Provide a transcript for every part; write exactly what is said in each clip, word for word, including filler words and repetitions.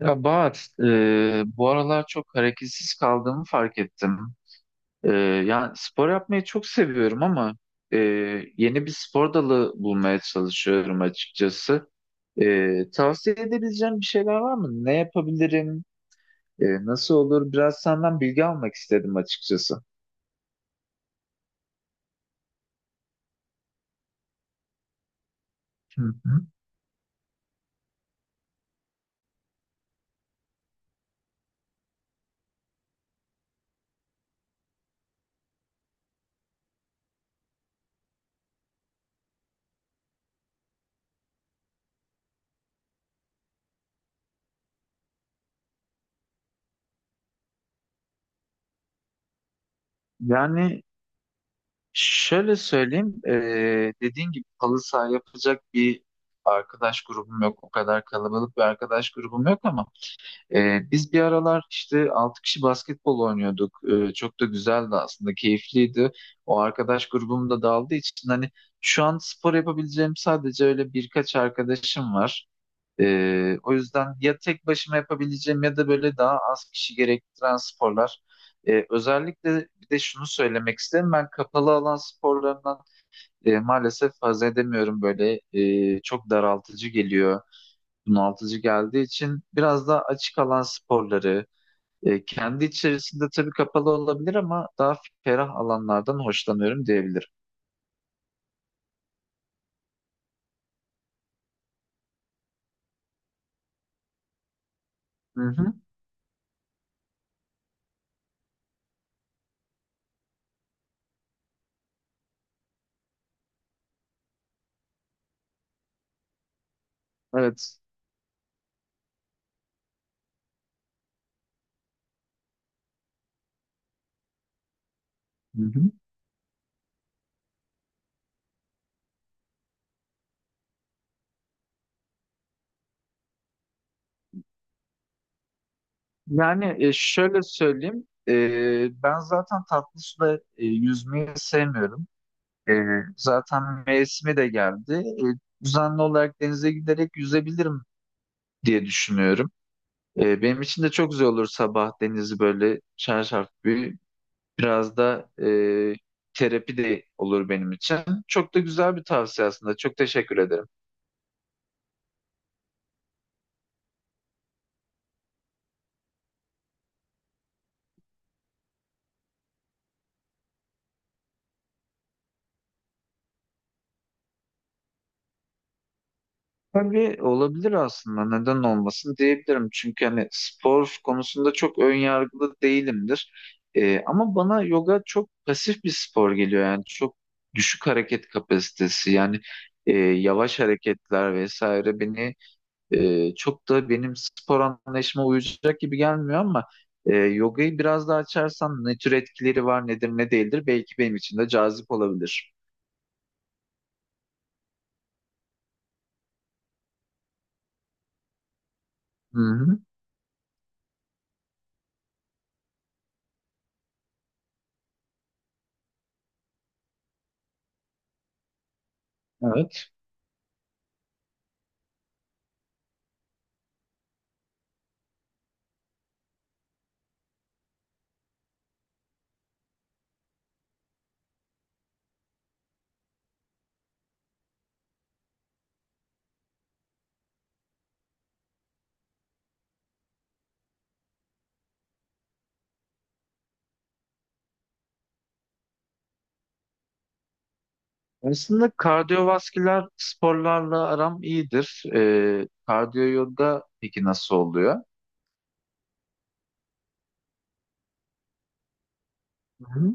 Ya Bahar, e, bu aralar çok hareketsiz kaldığımı fark ettim. E, Yani spor yapmayı çok seviyorum ama e, yeni bir spor dalı bulmaya çalışıyorum açıkçası. E, tavsiye edebileceğim bir şeyler var mı? Ne yapabilirim? E, nasıl olur? Biraz senden bilgi almak istedim açıkçası. Hı hı. Yani şöyle söyleyeyim, e, dediğin gibi halı saha yapacak bir arkadaş grubum yok. O kadar kalabalık bir arkadaş grubum yok ama Ee, biz bir aralar işte altı kişi basketbol oynuyorduk. Ee, çok da güzeldi aslında, keyifliydi. O arkadaş grubum da dağıldığı için hani şu an spor yapabileceğim sadece öyle birkaç arkadaşım var. Ee, o yüzden ya tek başıma yapabileceğim ya da böyle daha az kişi gerektiren sporlar. Ee, özellikle bir de şunu söylemek isterim. Ben kapalı alan sporlarından e, maalesef haz edemiyorum. Böyle e, çok daraltıcı geliyor, bunaltıcı geldiği için biraz daha açık alan sporları, e, kendi içerisinde tabii kapalı olabilir ama daha ferah alanlardan hoşlanıyorum diyebilirim. Hı hı. Evet. Hı hı. Yani e, şöyle söyleyeyim, e, ben zaten tatlı suda e, yüzmeyi sevmiyorum. E, Zaten mevsimi de geldi. E, düzenli olarak denize giderek yüzebilirim diye düşünüyorum. E, benim için de çok güzel olur sabah denizi böyle şarşaf bir... Biraz da e, terapi de olur benim için. Çok da güzel bir tavsiye aslında. Çok teşekkür ederim. Tabii olabilir aslında. Neden olmasın diyebilirim. Çünkü hani spor konusunda çok ön yargılı değilimdir. E, ama bana yoga çok pasif bir spor geliyor. Yani çok düşük hareket kapasitesi. Yani e, yavaş hareketler vesaire beni e, çok da benim spor anlayışıma uyacak gibi gelmiyor, ama e, yogayı biraz daha açarsan ne tür etkileri var, nedir ne değildir, belki benim için de cazip olabilir. Hı hı, evet. Aslında kardiyovasküler sporlarla aram iyidir. E, kardiyo yoga peki nasıl oluyor? Hı hı,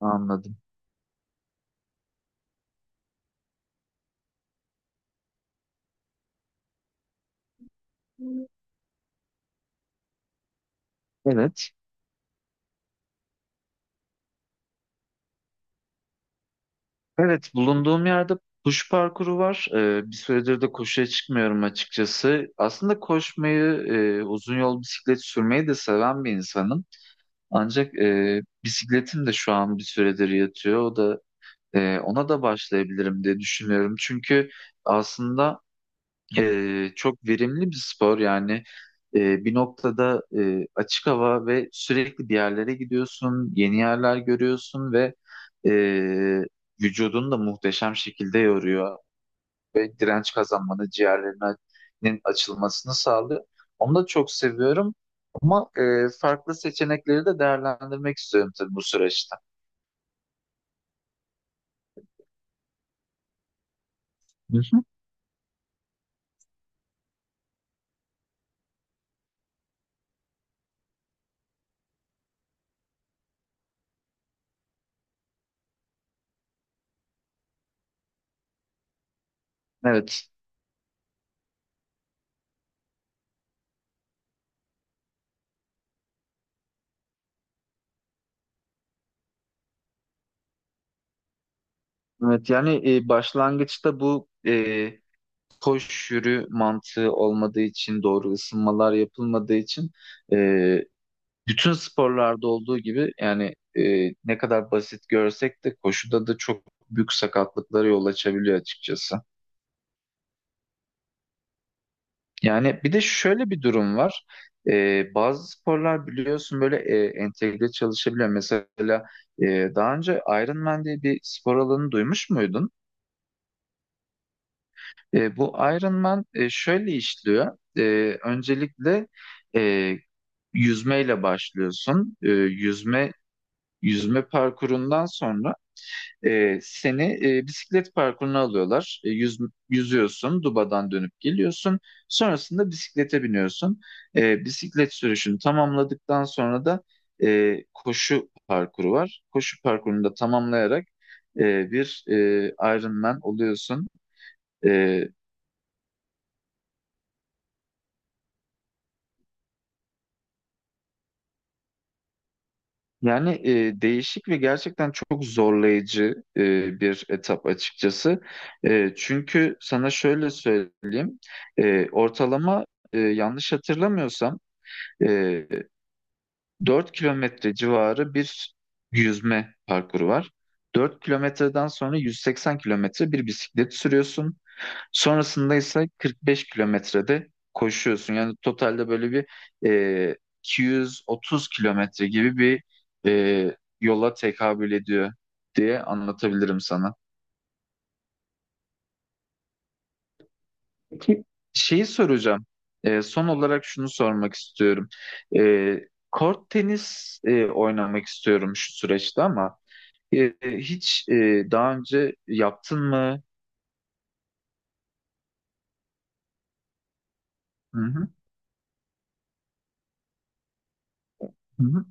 anladım. Evet. Evet, bulunduğum yerde koşu parkuru var. Ee, bir süredir de koşuya çıkmıyorum açıkçası. Aslında koşmayı, e, uzun yol bisiklet sürmeyi de seven bir insanım. Ancak e, bisikletim de şu an bir süredir yatıyor. O da e, ona da başlayabilirim diye düşünüyorum. Çünkü aslında ee, çok verimli bir spor. Yani Ee, bir noktada e, açık hava ve sürekli bir yerlere gidiyorsun, yeni yerler görüyorsun ve e, vücudunu da muhteşem şekilde yoruyor ve direnç kazanmanı, ciğerlerinin açılmasını sağlıyor. Onu da çok seviyorum, ama e, farklı seçenekleri de değerlendirmek istiyorum tabii bu süreçte. Hı hı. Evet, evet yani e, başlangıçta bu koş yürü mantığı olmadığı için, doğru ısınmalar yapılmadığı için, e, bütün sporlarda olduğu gibi, yani e, ne kadar basit görsek de koşuda da çok büyük sakatlıklara yol açabiliyor açıkçası. Yani bir de şöyle bir durum var. E, bazı sporlar biliyorsun böyle e, entegre çalışabiliyor. Mesela e, daha önce Ironman diye bir spor alanı duymuş muydun? E, bu Iron Man e, şöyle işliyor. E, öncelikle e, yüzmeyle başlıyorsun. E, yüzme yüzme parkurundan sonra e, seni e, bisiklet parkuruna alıyorlar. E, yüz, yüzüyorsun, dubadan dönüp geliyorsun. Sonrasında bisiklete biniyorsun. E, bisiklet sürüşünü tamamladıktan sonra da e, koşu parkuru var. Koşu parkurunu da tamamlayarak e, bir e, Iron Man oluyorsun. Yani e, değişik ve gerçekten çok zorlayıcı e, bir etap açıkçası. E, çünkü sana şöyle söyleyeyim, e, ortalama e, yanlış hatırlamıyorsam, e, dört kilometre civarı bir yüzme parkuru var. dört kilometreden sonra yüz seksen kilometre bir bisiklet sürüyorsun. Sonrasında ise kırk beş kilometrede koşuyorsun. Yani totalde böyle bir e, iki yüz otuz kilometre gibi bir e, yola tekabül ediyor diye anlatabilirim sana. Peki şeyi soracağım. E, son olarak şunu sormak istiyorum. E, Kort tenis e, oynamak istiyorum şu süreçte, ama e, hiç e, daha önce yaptın mı? Hı hı, hı hı.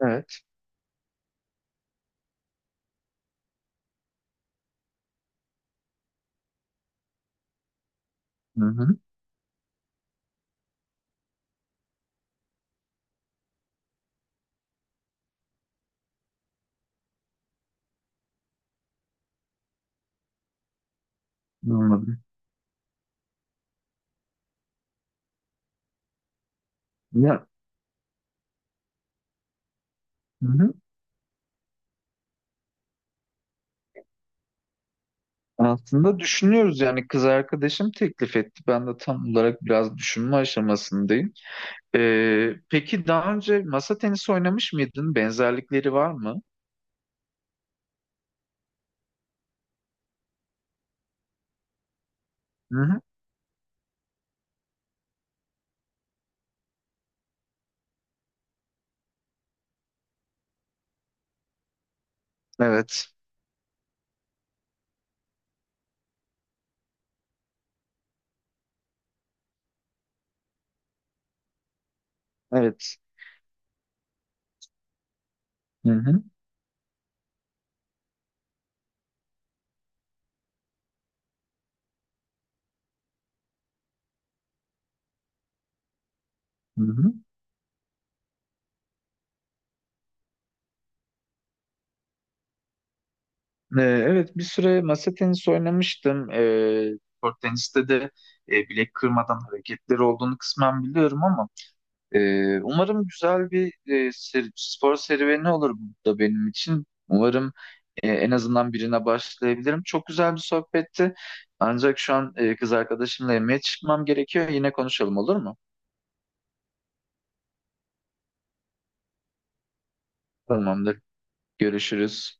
Evet. Hı hı, anladım. Ya, hı hı. Aslında düşünüyoruz yani kız arkadaşım teklif etti. Ben de tam olarak biraz düşünme aşamasındayım. Ee, peki daha önce masa tenisi oynamış mıydın? Benzerlikleri var mı? Hı hı. Evet. Evet. Hı hı. Hı hı. Ee, evet, bir süre masa tenisi oynamıştım. Ee, kort teniste de e, bilek kırmadan hareketleri olduğunu kısmen biliyorum, ama Ee, umarım güzel bir e, ser- spor serüveni olur bu da benim için. Umarım e, en azından birine başlayabilirim. Çok güzel bir sohbetti. Ancak şu an e, kız arkadaşımla yemeğe çıkmam gerekiyor. Yine konuşalım olur mu? Tamamdır. Görüşürüz.